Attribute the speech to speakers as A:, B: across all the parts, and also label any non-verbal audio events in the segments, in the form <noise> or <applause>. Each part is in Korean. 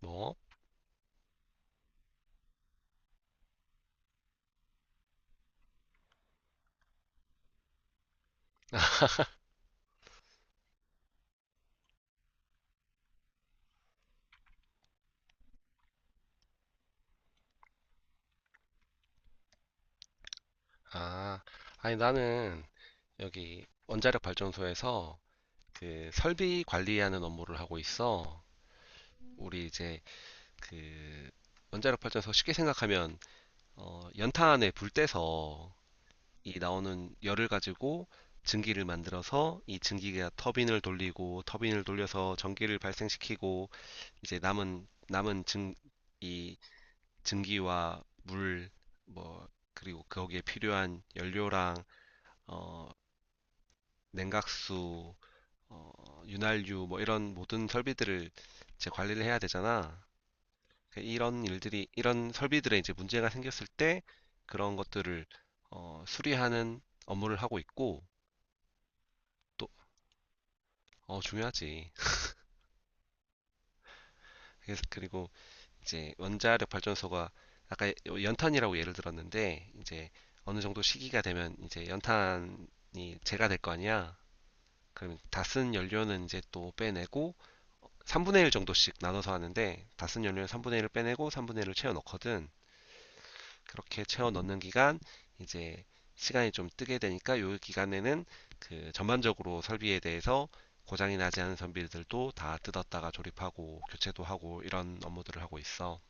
A: 뭐? <laughs> 아, 아니 나는 여기 원자력 발전소에서 그 설비 관리하는 업무를 하고 있어. 우리 이제 그 원자력 발전소 쉽게 생각하면 연탄 안에 불 떼서 이 나오는 열을 가지고 증기를 만들어서 이 증기가 터빈을 돌리고 터빈을 돌려서 전기를 발생시키고 이제 이 증기와 물 뭐 그리고 거기에 필요한 연료랑 어, 냉각수, 윤활유 뭐 이런 모든 설비들을 이제 관리를 해야 되잖아. 이런 일들이 이런 설비들에 이제 문제가 생겼을 때 그런 것들을 수리하는 업무를 하고 있고 또 중요하지. 그래서 그리고 이제 원자력 발전소가 아까 연탄이라고 예를 들었는데 이제 어느 정도 시기가 되면 이제 연탄이 재가 될 거 아니야. 그럼 다 쓴 연료는 이제 또 빼내고 3분의 1 정도씩 나눠서 하는데 다쓴 연료는 3분의 1을 빼내고 3분의 1을 채워 넣거든. 그렇게 채워 넣는 기간 이제 시간이 좀 뜨게 되니까 요 기간에는 그 전반적으로 설비에 대해서 고장이 나지 않은 선비들도 다 뜯었다가 조립하고 교체도 하고 이런 업무들을 하고 있어.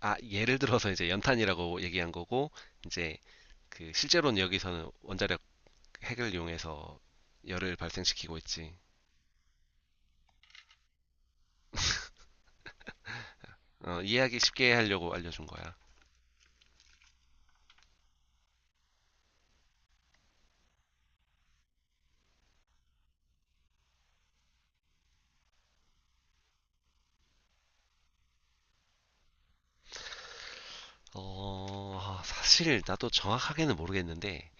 A: 아, 예를 들어서 이제 연탄이라고 얘기한 거고 이제 그 실제로는 여기서는 원자력 핵을 이용해서 열을 발생시키고 있지. 이해하기 쉽게 하려고 알려준 거야. 사실 나도 정확하게는 모르겠는데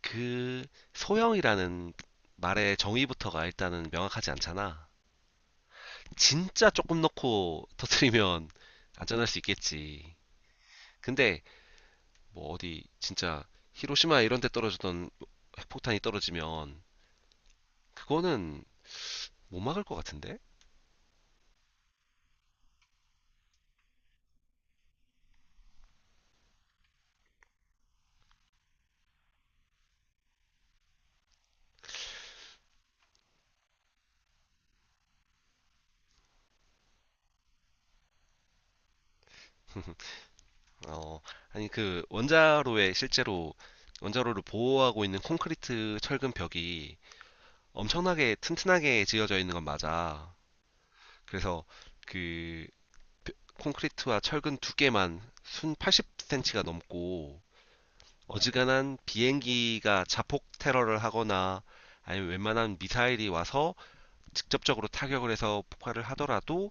A: 그 소형이라는 말의 정의부터가 일단은 명확하지 않잖아. 진짜 조금 넣고 터트리면 안전할 수 있겠지. 근데 뭐 어디 진짜 히로시마 이런 데 떨어지던 핵폭탄이 떨어지면 그거는 못 막을 것 같은데? 어, 아니 그 원자로에 실제로 원자로를 보호하고 있는 콘크리트 철근 벽이 엄청나게 튼튼하게 지어져 있는 건 맞아. 그래서 그 콘크리트와 철근 두 개만 순 80cm가 넘고 어지간한 비행기가 자폭 테러를 하거나 아니면 웬만한 미사일이 와서 직접적으로 타격을 해서 폭발을 하더라도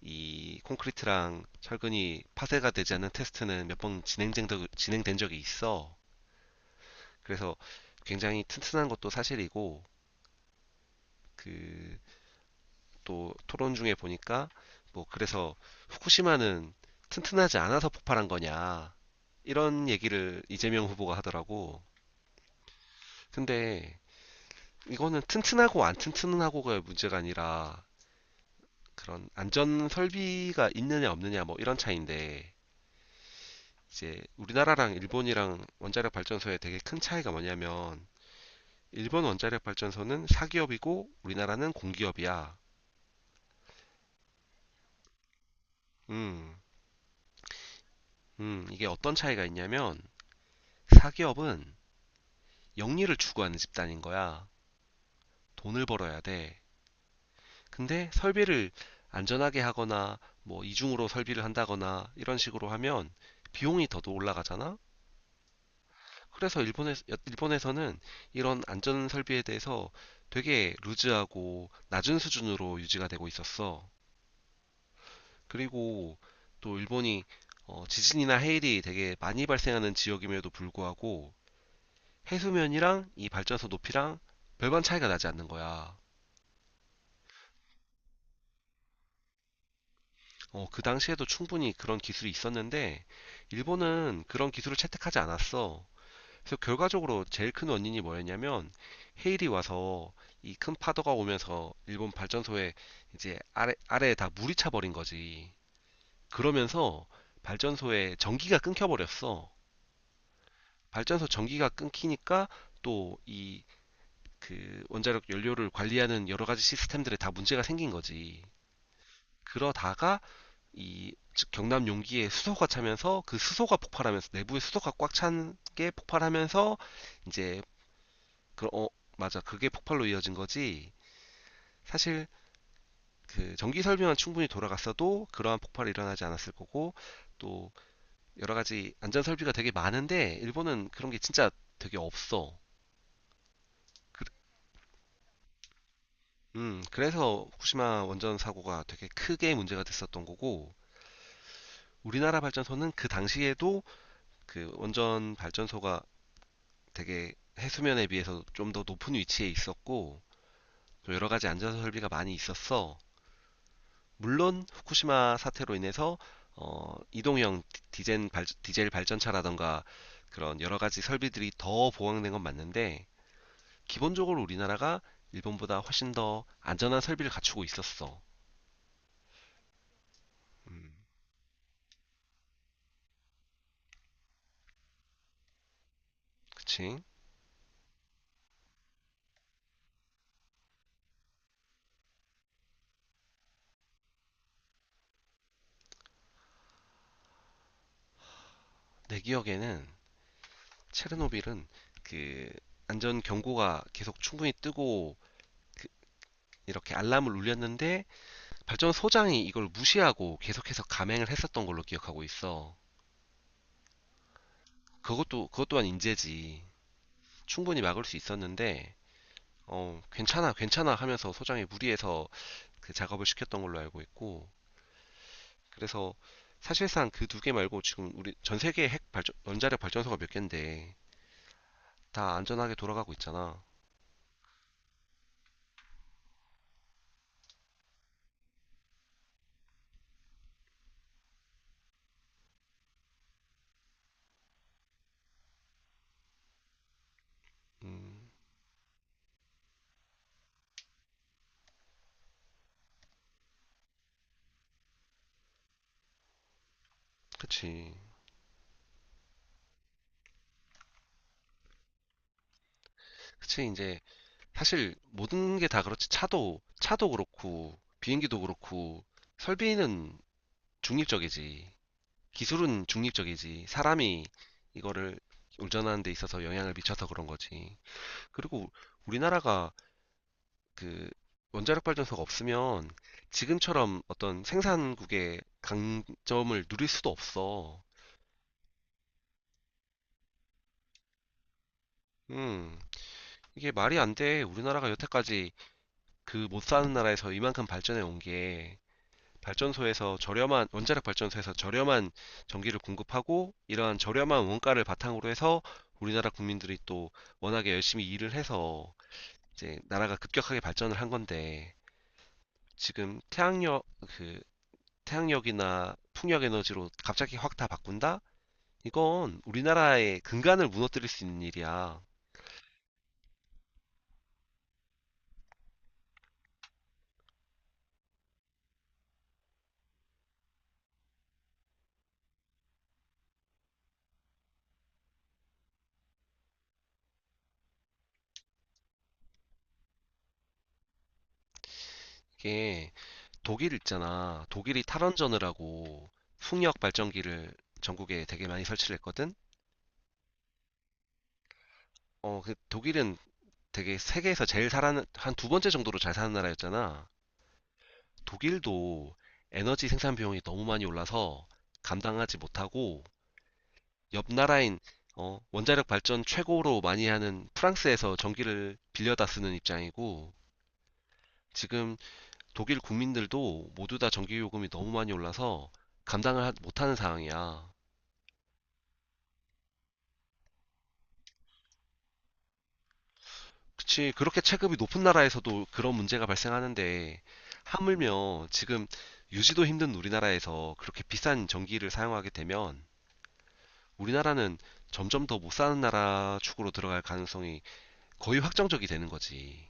A: 이 콘크리트랑 철근이 파쇄가 되지 않는 테스트는 진행된 적이 있어. 그래서 굉장히 튼튼한 것도 사실이고 그 또 토론 중에 보니까 뭐 그래서 후쿠시마는 튼튼하지 않아서 폭발한 거냐 이런 얘기를 이재명 후보가 하더라고. 근데 이거는 튼튼하고 안 튼튼하고가 문제가 아니라 그런 안전 설비가 있느냐 없느냐 뭐 이런 차이인데 이제 우리나라랑 일본이랑 원자력 발전소의 되게 큰 차이가 뭐냐면 일본 원자력 발전소는 사기업이고 우리나라는 공기업이야. 음, 이게 어떤 차이가 있냐면 사기업은 영리를 추구하는 집단인 거야. 돈을 벌어야 돼. 근데 설비를 안전하게 하거나 뭐 이중으로 설비를 한다거나 이런 식으로 하면 비용이 더 올라가잖아. 그래서 일본에서는 이런 안전 설비에 대해서 되게 루즈하고 낮은 수준으로 유지가 되고 있었어. 그리고 또 일본이 지진이나 해일이 되게 많이 발생하는 지역임에도 불구하고 해수면이랑 이 발전소 높이랑 별반 차이가 나지 않는 거야. 그 당시에도 충분히 그런 기술이 있었는데, 일본은 그런 기술을 채택하지 않았어. 그래서 결과적으로 제일 큰 원인이 뭐였냐면, 헤일이 와서 이 큰 파도가 오면서 일본 발전소에 이제 아래에 다 물이 차버린 거지. 그러면서 발전소에 전기가 끊겨버렸어. 발전소 전기가 끊기니까 또 이 그 원자력 연료를 관리하는 여러 가지 시스템들에 다 문제가 생긴 거지. 그러다가 이 경남 용기에 수소가 차면서 그 수소가 폭발하면서 내부에 수소가 꽉 찬 게 폭발하면서 이제 그 어 맞아, 그게 폭발로 이어진 거지. 사실 그 전기 설비만 충분히 돌아갔어도 그러한 폭발이 일어나지 않았을 거고 또 여러 가지 안전 설비가 되게 많은데 일본은 그런 게 진짜 되게 없어. 음, 그래서 후쿠시마 원전 사고가 되게 크게 문제가 됐었던 거고 우리나라 발전소는 그 당시에도 그 원전 발전소가 되게 해수면에 비해서 좀 더 높은 위치에 있었고 또 여러 가지 안전 설비가 많이 있었어. 물론 후쿠시마 사태로 인해서 이동형 디젤 발전차라던가 그런 여러 가지 설비들이 더 보강된 건 맞는데 기본적으로 우리나라가 일본보다 훨씬 더 안전한 설비를 갖추고 있었어. 음, 그치? 내 기억에는 체르노빌은 그 안전 경고가 계속 충분히 뜨고 그 이렇게 알람을 울렸는데 발전 소장이 이걸 무시하고 계속해서 감행을 했었던 걸로 기억하고 있어. 그것 또한 인재지. 충분히 막을 수 있었는데, 괜찮아, 괜찮아 하면서 소장이 무리해서 그 작업을 시켰던 걸로 알고 있고, 그래서 사실상 그 두 개 말고 지금 우리 전 세계 원자력 발전소가 몇 개인데 다 안전하게 돌아가고 있잖아. 그치. 그치, 이제, 사실 모든 게 다 그렇지. 차도 그렇고, 비행기도 그렇고, 설비는 중립적이지. 기술은 중립적이지. 사람이 이거를 운전하는 데 있어서 영향을 미쳐서 그런 거지. 그리고 우리나라가 그 원자력 발전소가 없으면 지금처럼 어떤 생산국의 강점을 누릴 수도 없어. 음, 이게 말이 안 돼. 우리나라가 여태까지 그 못 사는 나라에서 이만큼 발전해 온게 발전소에서 저렴한 원자력 발전소에서 저렴한 전기를 공급하고 이러한 저렴한 원가를 바탕으로 해서 우리나라 국민들이 또 워낙에 열심히 일을 해서 이제 나라가 급격하게 발전을 한 건데 지금 그 태양력이나 풍력 에너지로 갑자기 확 다 바꾼다? 이건 우리나라의 근간을 무너뜨릴 수 있는 일이야. 이게 독일 있잖아. 독일이 탈원전을 하고 풍력 발전기를 전국에 되게 많이 설치를 했거든. 그 독일은 되게 세계에서 제일 살아는 한 두 번째 정도로 잘 사는 나라였잖아. 독일도 에너지 생산 비용이 너무 많이 올라서 감당하지 못하고 옆 나라인 원자력 발전 최고로 많이 하는 프랑스에서 전기를 빌려다 쓰는 입장이고 지금 독일 국민들도 모두 다 전기 요금이 너무 많이 올라서 못하는 상황이야. 그치. 그렇게 체급이 높은 나라에서도 그런 문제가 발생하는데, 하물며 지금 유지도 힘든 우리나라에서 그렇게 비싼 전기를 사용하게 되면, 우리나라는 점점 더 못 사는 나라 축으로 들어갈 가능성이 거의 확정적이 되는 거지.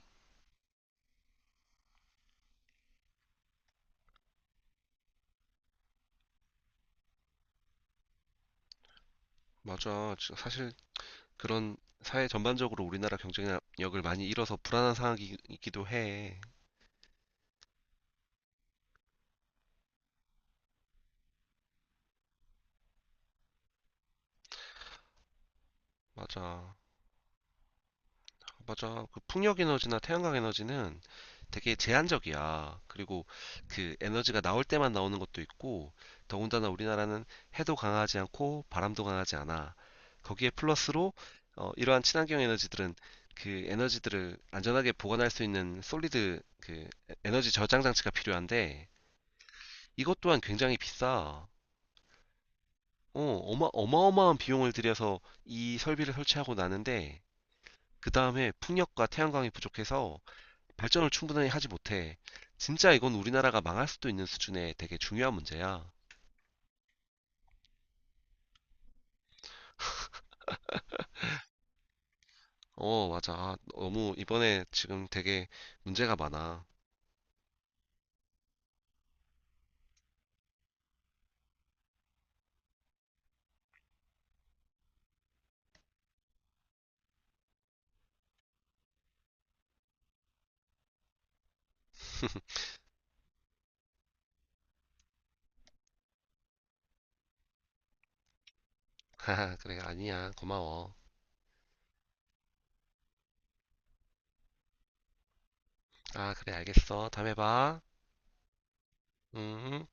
A: 맞아. 사실 그런 사회 전반적으로 우리나라 경쟁력을 많이 잃어서 불안한 상황이기도 해. 맞아. 맞아. 그 풍력 에너지나 태양광 에너지는 되게 제한적이야. 그리고 그 에너지가 나올 때만 나오는 것도 있고, 더군다나 우리나라는 해도 강하지 않고 바람도 강하지 않아. 거기에 플러스로 이러한 친환경 에너지들은 그 에너지들을 안전하게 보관할 수 있는 에너지 저장 장치가 필요한데 이것 또한 굉장히 비싸. 어마어마한 비용을 들여서 이 설비를 설치하고 나는데 그 다음에 풍력과 태양광이 부족해서 발전을 충분히 하지 못해. 진짜 이건 우리나라가 망할 수도 있는 수준의 되게 중요한 문제야. 맞아. 너무 이번에 지금 되게 문제가 많아. <laughs> 아, 그래, 아니야. 고마워. 아, 그래, 알겠어. 다음에 봐. 음.